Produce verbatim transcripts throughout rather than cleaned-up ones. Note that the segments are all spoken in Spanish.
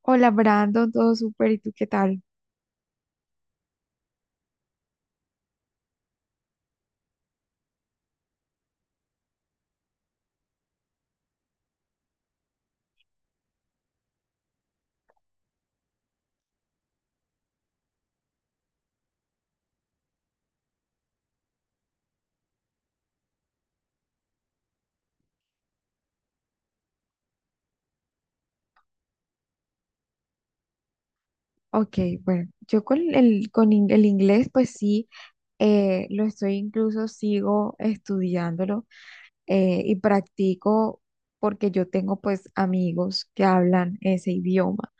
Hola Brandon, todo súper, ¿y tú qué tal? Ok, bueno, yo con el, con in- el inglés, pues sí, eh, lo estoy incluso, sigo estudiándolo eh, y practico porque yo tengo pues amigos que hablan ese idioma.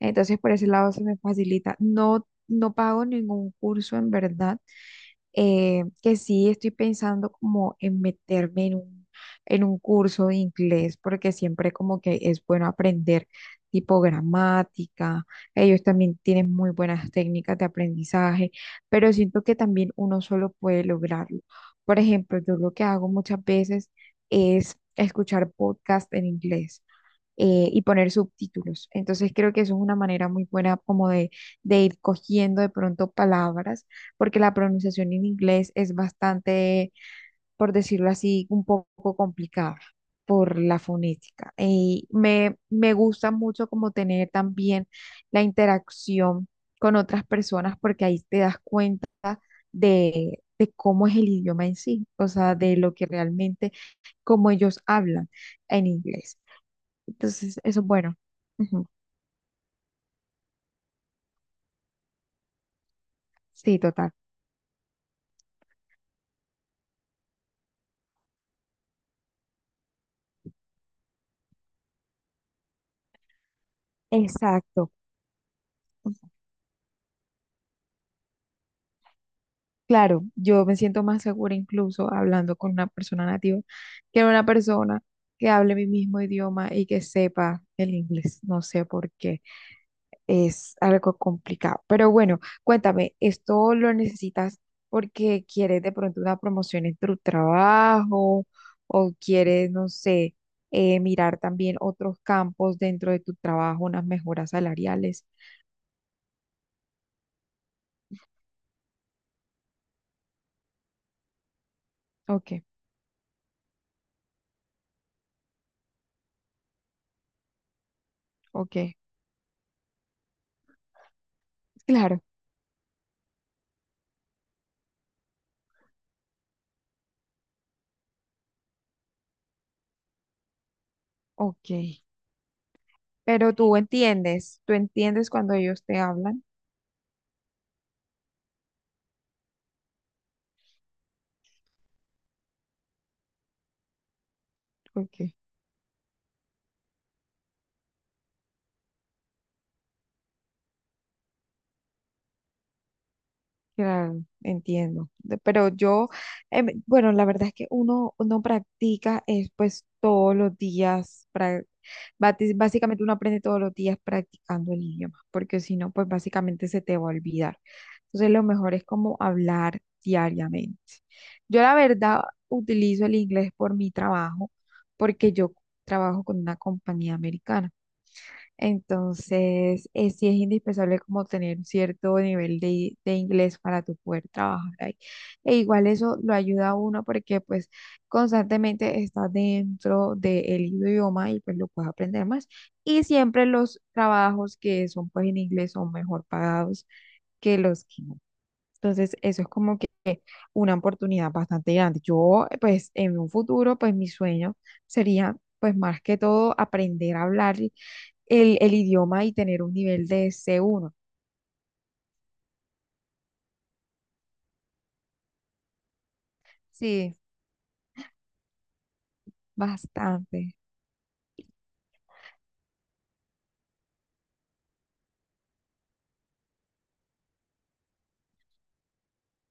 Entonces por ese lado se me facilita. No, no pago ningún curso en verdad, eh, que sí estoy pensando como en meterme en un, en un curso de inglés, porque siempre como que es bueno aprender tipo gramática, ellos también tienen muy buenas técnicas de aprendizaje, pero siento que también uno solo puede lograrlo. Por ejemplo, yo lo que hago muchas veces es escuchar podcast en inglés eh, y poner subtítulos. Entonces creo que eso es una manera muy buena como de, de ir cogiendo de pronto palabras, porque la pronunciación en inglés es bastante, por decirlo así, un poco complicada por la fonética. Y me, me gusta mucho como tener también la interacción con otras personas, porque ahí te das cuenta de... de cómo es el idioma en sí, o sea, de lo que realmente, cómo ellos hablan en inglés. Entonces, eso es bueno. Ujú. Sí, total. Exacto. Claro, yo me siento más segura incluso hablando con una persona nativa que una persona que hable mi mismo idioma y que sepa el inglés. No sé por qué. Es algo complicado. Pero bueno, cuéntame, ¿esto lo necesitas porque quieres de pronto una promoción en tu trabajo o quieres, no sé, eh, mirar también otros campos dentro de tu trabajo, unas mejoras salariales? Ok. Ok, claro, ok. Pero tú entiendes, tú entiendes cuando ellos te hablan. Ok. Claro, entiendo. De- Pero yo, em, bueno, la verdad es que uno, uno practica es, pues todos los días, pra- bati- básicamente uno aprende todos los días practicando el idioma, porque si no, pues básicamente se te va a olvidar. Entonces lo mejor es como hablar diariamente. Yo la verdad utilizo el inglés por mi trabajo, porque yo trabajo con una compañía americana. Entonces, eh, sí es indispensable como tener un cierto nivel de, de inglés para tu poder trabajar ahí. E igual eso lo ayuda a uno porque pues constantemente estás dentro del idioma y pues lo puedes aprender más. Y siempre los trabajos que son pues en inglés son mejor pagados que los que no. Entonces, eso es como que una oportunidad bastante grande. Yo, pues, en un futuro, pues, mi sueño sería, pues, más que todo aprender a hablar, el, el idioma y tener un nivel de c uno. Sí. Bastante.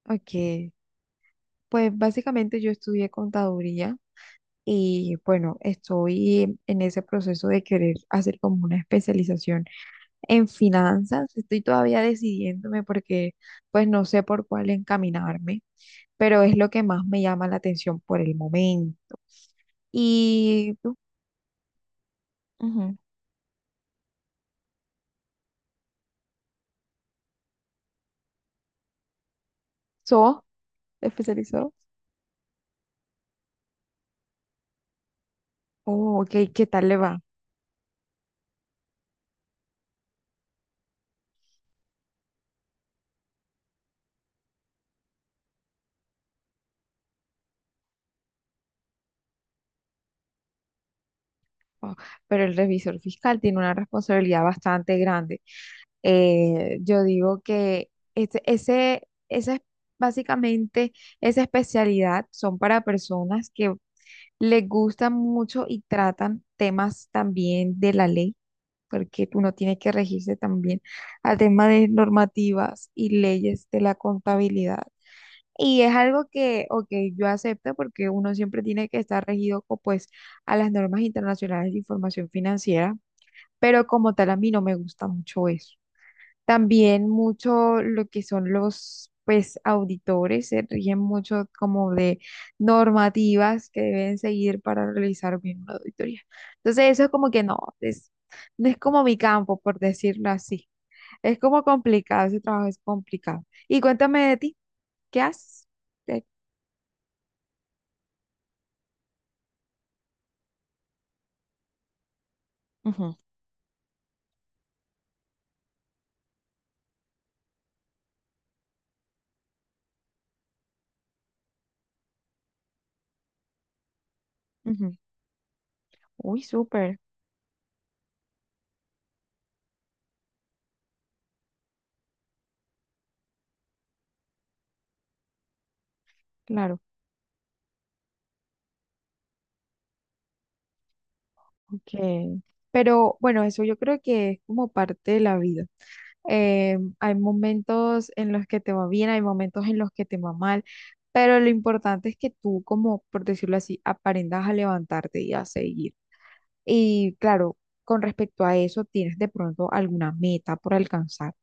Ok. Pues básicamente yo estudié contaduría y bueno, estoy en ese proceso de querer hacer como una especialización en finanzas. Estoy todavía decidiéndome porque pues no sé por cuál encaminarme, pero es lo que más me llama la atención por el momento. ¿Y tú? Ujú. ¿Sos especializado? Oh, ok. ¿Qué tal le va? Oh. Pero el revisor fiscal tiene una responsabilidad bastante grande. Eh, yo digo que ese, ese, esa es básicamente esa especialidad son para personas que les gustan mucho y tratan temas también de la ley, porque uno tiene que regirse también al tema de normativas y leyes de la contabilidad. Y es algo que, ok, yo acepto porque uno siempre tiene que estar regido, co- pues, a las normas internacionales de información financiera, pero como tal a mí no me gusta mucho eso. También mucho lo que son los, pues, auditores, se rigen mucho como de normativas que deben seguir para realizar bien una auditoría. Entonces eso es como que no, es, no es como mi campo, por decirlo así. Es como complicado, ese trabajo es complicado. Y cuéntame de ti, ¿qué haces? De- Ujú, ujú. Uy, súper, claro, ok. Pero bueno, eso yo creo que es como parte de la vida. Eh, hay momentos en los que te va bien, hay momentos en los que te va mal, pero lo importante es que tú, como por decirlo así, aprendas a levantarte y a seguir. Y claro, con respecto a eso, tienes de pronto alguna meta por alcanzar.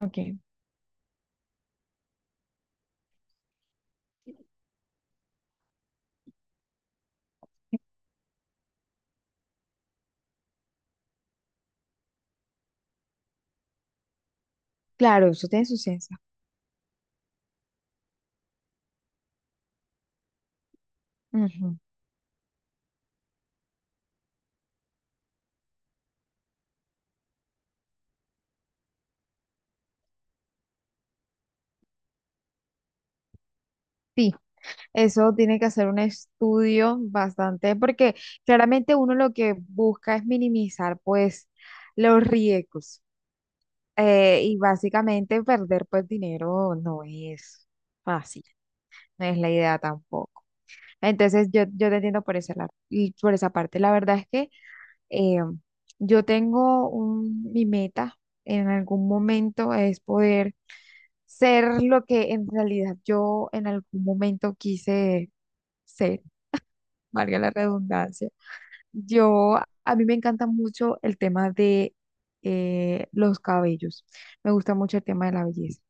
Ok. Claro, eso tiene su ciencia. Ujú. Sí, eso tiene que hacer un estudio bastante, porque claramente uno lo que busca es minimizar pues los riesgos. Eh, y básicamente perder pues dinero no es fácil, no es la idea tampoco. Entonces yo, yo te entiendo por esa, la- y por esa parte. La verdad es que eh, yo tengo un, mi meta en algún momento es poder ser lo que en realidad yo en algún momento quise ser, valga la redundancia. Yo, a mí me encanta mucho el tema de eh, los cabellos, me gusta mucho el tema de la belleza.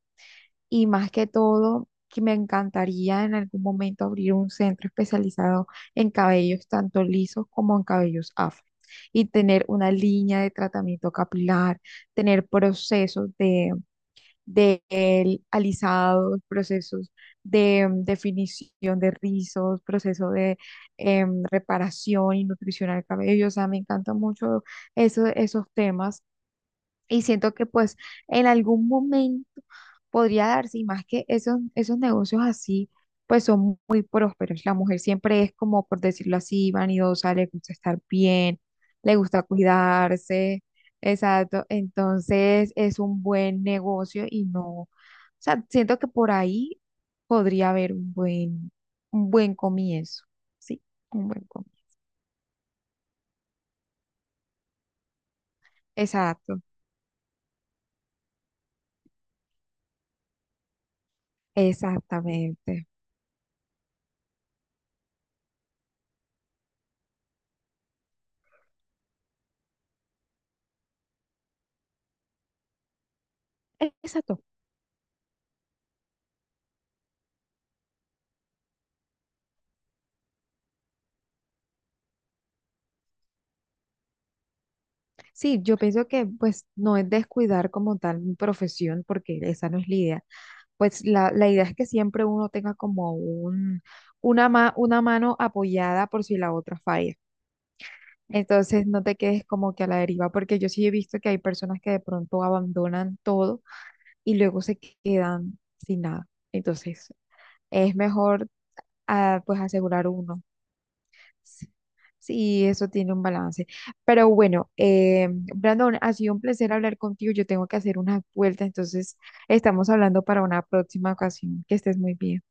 Y más que todo, que me encantaría en algún momento abrir un centro especializado en cabellos tanto lisos como en cabellos afro. Y tener una línea de tratamiento capilar, tener procesos de, de el- alisados, procesos de mm, definición de rizos, procesos de em, reparación y nutrición al cabello. O sea, me encantan mucho eso- esos temas y siento que pues en algún momento podría darse, y más que esos, esos negocios así, pues son muy prósperos. La mujer siempre es como, por decirlo así, vanidosa, le gusta estar bien, le gusta cuidarse, exacto. Entonces es un buen negocio y no, o sea, siento que por ahí podría haber un buen, un buen comienzo, ¿sí? Un buen comienzo. Exacto, exactamente. Exacto. Sí, yo pienso que pues no es descuidar como tal mi profesión, porque esa no es la idea. Pues la, la idea es que siempre uno tenga como un, una, ma- una mano apoyada por si la otra falla. Entonces no te quedes como que a la deriva, porque yo sí he visto que hay personas que de pronto abandonan todo y luego se quedan sin nada. Entonces es mejor, ah, pues asegurar uno. Sí, sí, eso tiene un balance. Pero bueno, eh, Brandon, ha sido un placer hablar contigo. Yo tengo que hacer una vuelta, entonces estamos hablando para una próxima ocasión. Que estés muy bien.